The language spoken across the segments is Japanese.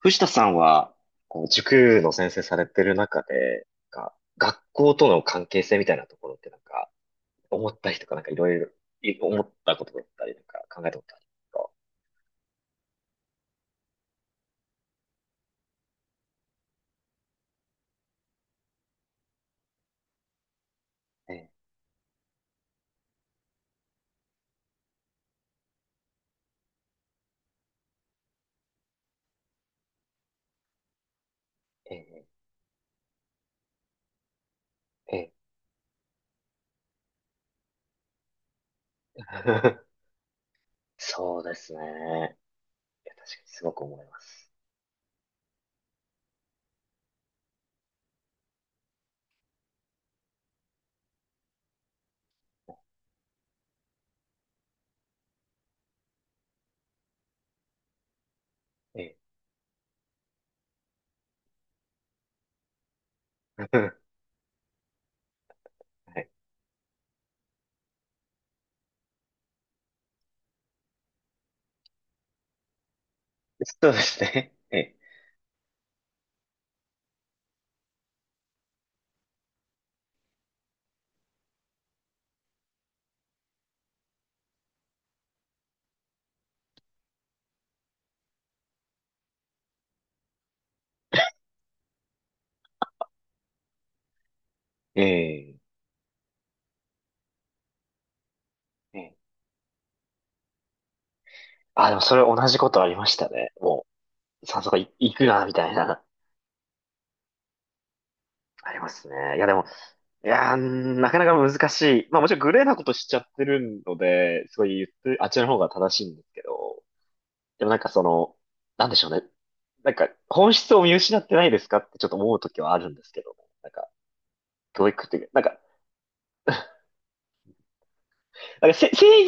藤田さんは、こう塾の先生されてる中で、学校との関係性みたいなところって思ったりとか、なんかいろいろ、い思ったことだったり、考えたことありますか？ええ、ええ、ええ。そうですね。いや、確かにすごく思います。ええ。はい。そうですね。ええ、ええ、ええ。あ、でもそれ同じことありましたね。もう、早速い行くな、みたいな。ありますね。いや、でも、いやー、なかなか難しい。まあもちろんグレーなことしちゃってるので、すごい言ってる、あっちの方が正しいんですけど、でもなんかその、なんでしょうね。なんか、本質を見失ってないですかってちょっと思うときはあるんですけども、教育っていうなんかせ正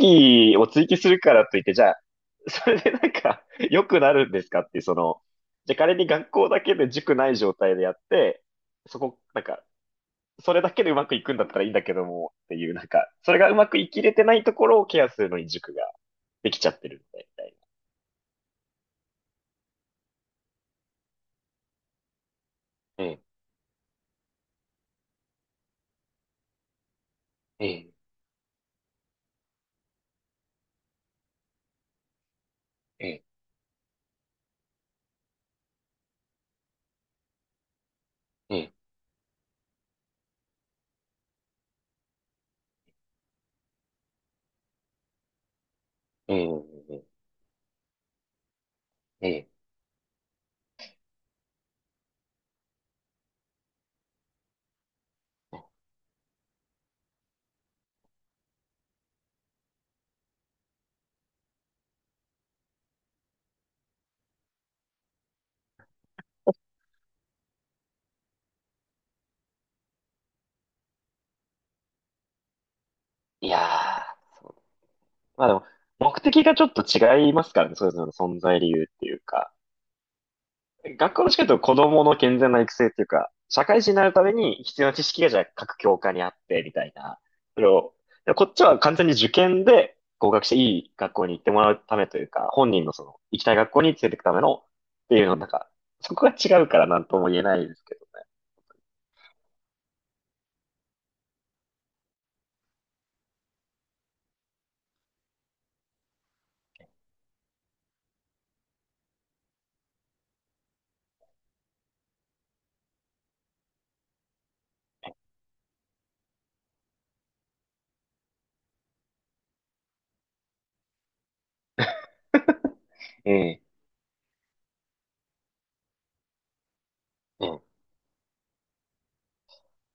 義を追求するからといって、じゃあ、それでなんか、良くなるんですかっていう、その、じゃあ仮に学校だけで塾ない状態でやって、そこ、なんか、それだけでうまくいくんだったらいいんだけども、っていう、それがうまくいきれてないところをケアするのに塾ができちゃってるみたいな。ええ、ええ、ええ、ええ、ええ。ええ、いやー、そう。まあでも、目的がちょっと違いますからね、それぞれの存在理由っていうか。学校の近くと子供の健全な育成っていうか、社会人になるために必要な知識がじゃあ各教科にあって、みたいな。それを、でもこっちは完全に受験で合格していい学校に行ってもらうためというか、本人のその、行きたい学校に連れていくための、っていうの、そこが違うからなんとも言えないですけどね。ええ。ええ、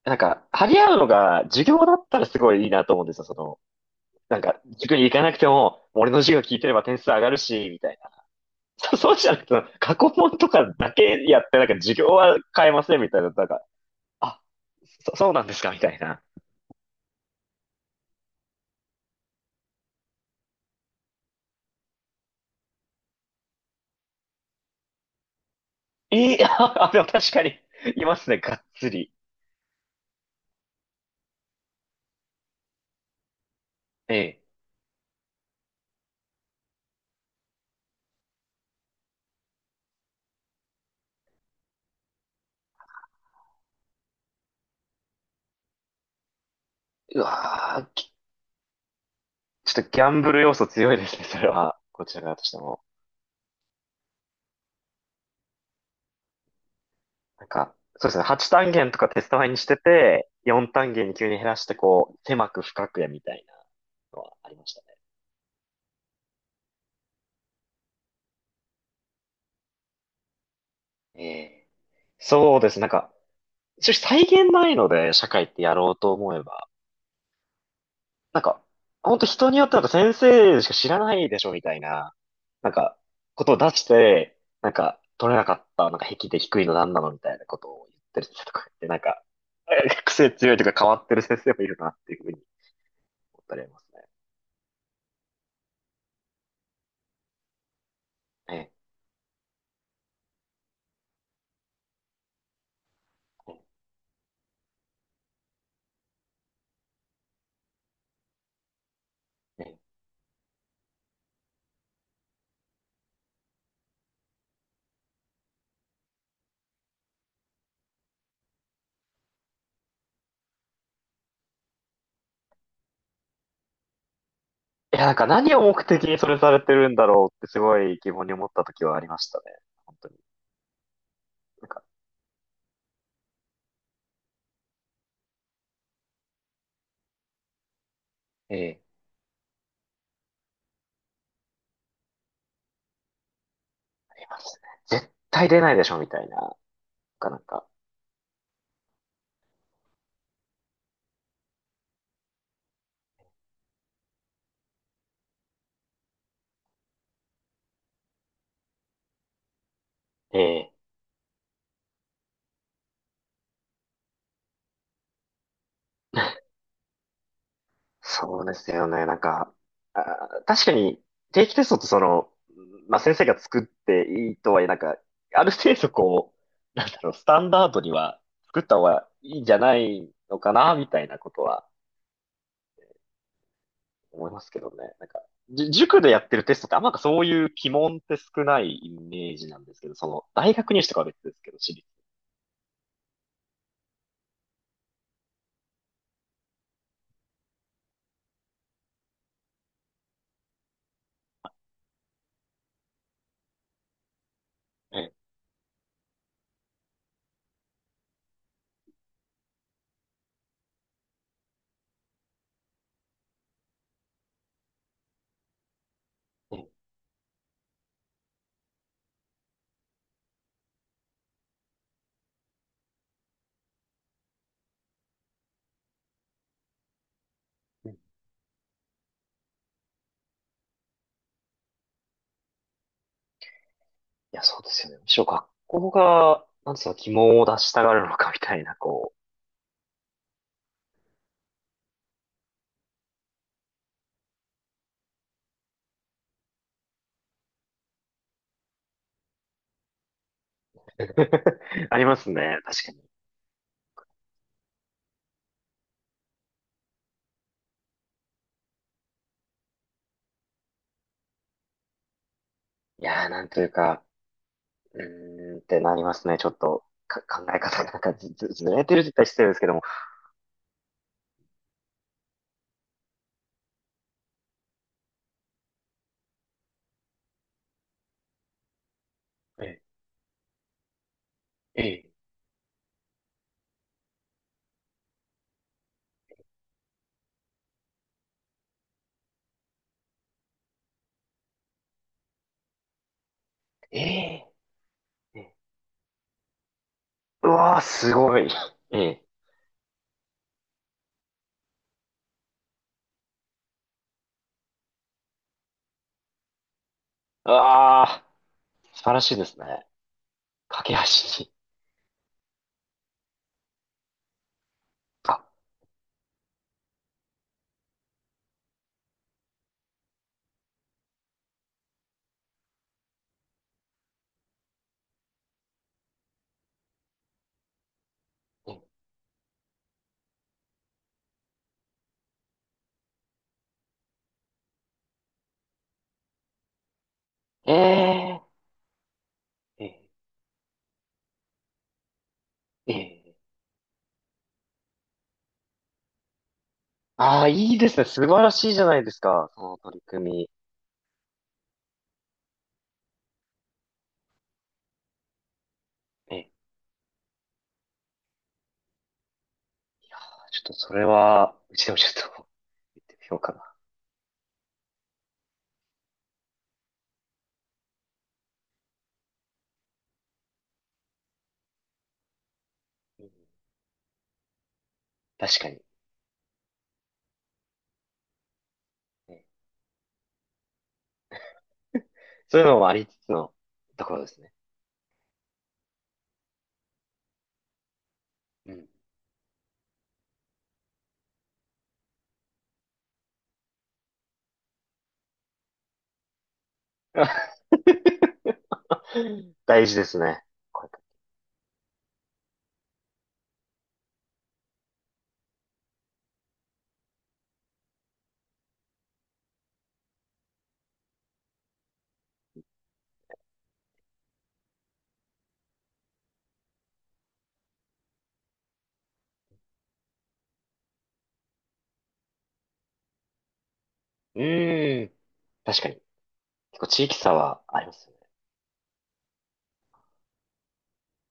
張り合うのが授業だったらすごいいいなと思うんですよ、その、塾に行かなくても、俺の授業聞いてれば点数上がるし、みたいな。そうじゃなくて、過去問とかだけやって、なんか授業は変えませんみたいな、あ、そうなんですかみたいな。いい、あ、でも確かに、いますね、がっつり。ええ。うわー、き、ちょっとギャンブル要素強いですね、それは。こちら側としても。そうですね、8単元とかテスト前にしてて、4単元に急に減らして、こう、狭く深くやみたいなのはありましたね。ええ。そうですね、一応再現ないので、社会ってやろうと思えば。なんか、ほんと人によってなんか先生しか知らないでしょみたいな、なんか、ことを出して、なんか取れなかった、なんか壁で低いのなんなのみたいなことを言ってる先生とか言って、癖強いというか変わってる先生もいるなっていうふうに思ったりありますね。ええ、ええ。いや、なんか何を目的にそれされてるんだろうってすごい疑問に思った時はありましたね。本当に。なんか、ええ、ありますね。絶対出ないでしょみたいな、かなんか。ええ。そうですよね。あー、確かに定期テストってその、まあ、先生が作っていいとはいえ、ある程度こう、なんだろう、スタンダードには作った方がいいんじゃないのかな、みたいなことは思いますけどね。塾でやってるテストってあんまなんかそういう鬼門って少ないイメージなんですけど、その、大学入試とかは別ですけど、私立。ええ、ええ、いや、そうですよね。むしろ学校が、なんでその鬼門を出したがるのかみたいな、こう、ありますね。確かに。いやー、なんというか、うーんってなりますね。ちょっと、か、考え方がなんかずれてるって言ったら失礼ですけども。ええ、ええ、ええ、ええ、うわー、すごい。ええ、あー、素晴らしいですね。架け橋に。あ、ええ、ええ、ええ、ああー、いいですね。素晴らしいじゃないですか。その取り組み。ええ、ちょっとそれは、うちでもちょっと、言ってみようかな。うん、確かに。そういうのもありつつのところですね。うん。大事ですね。これから、うーん。確かに。結構地域差はあります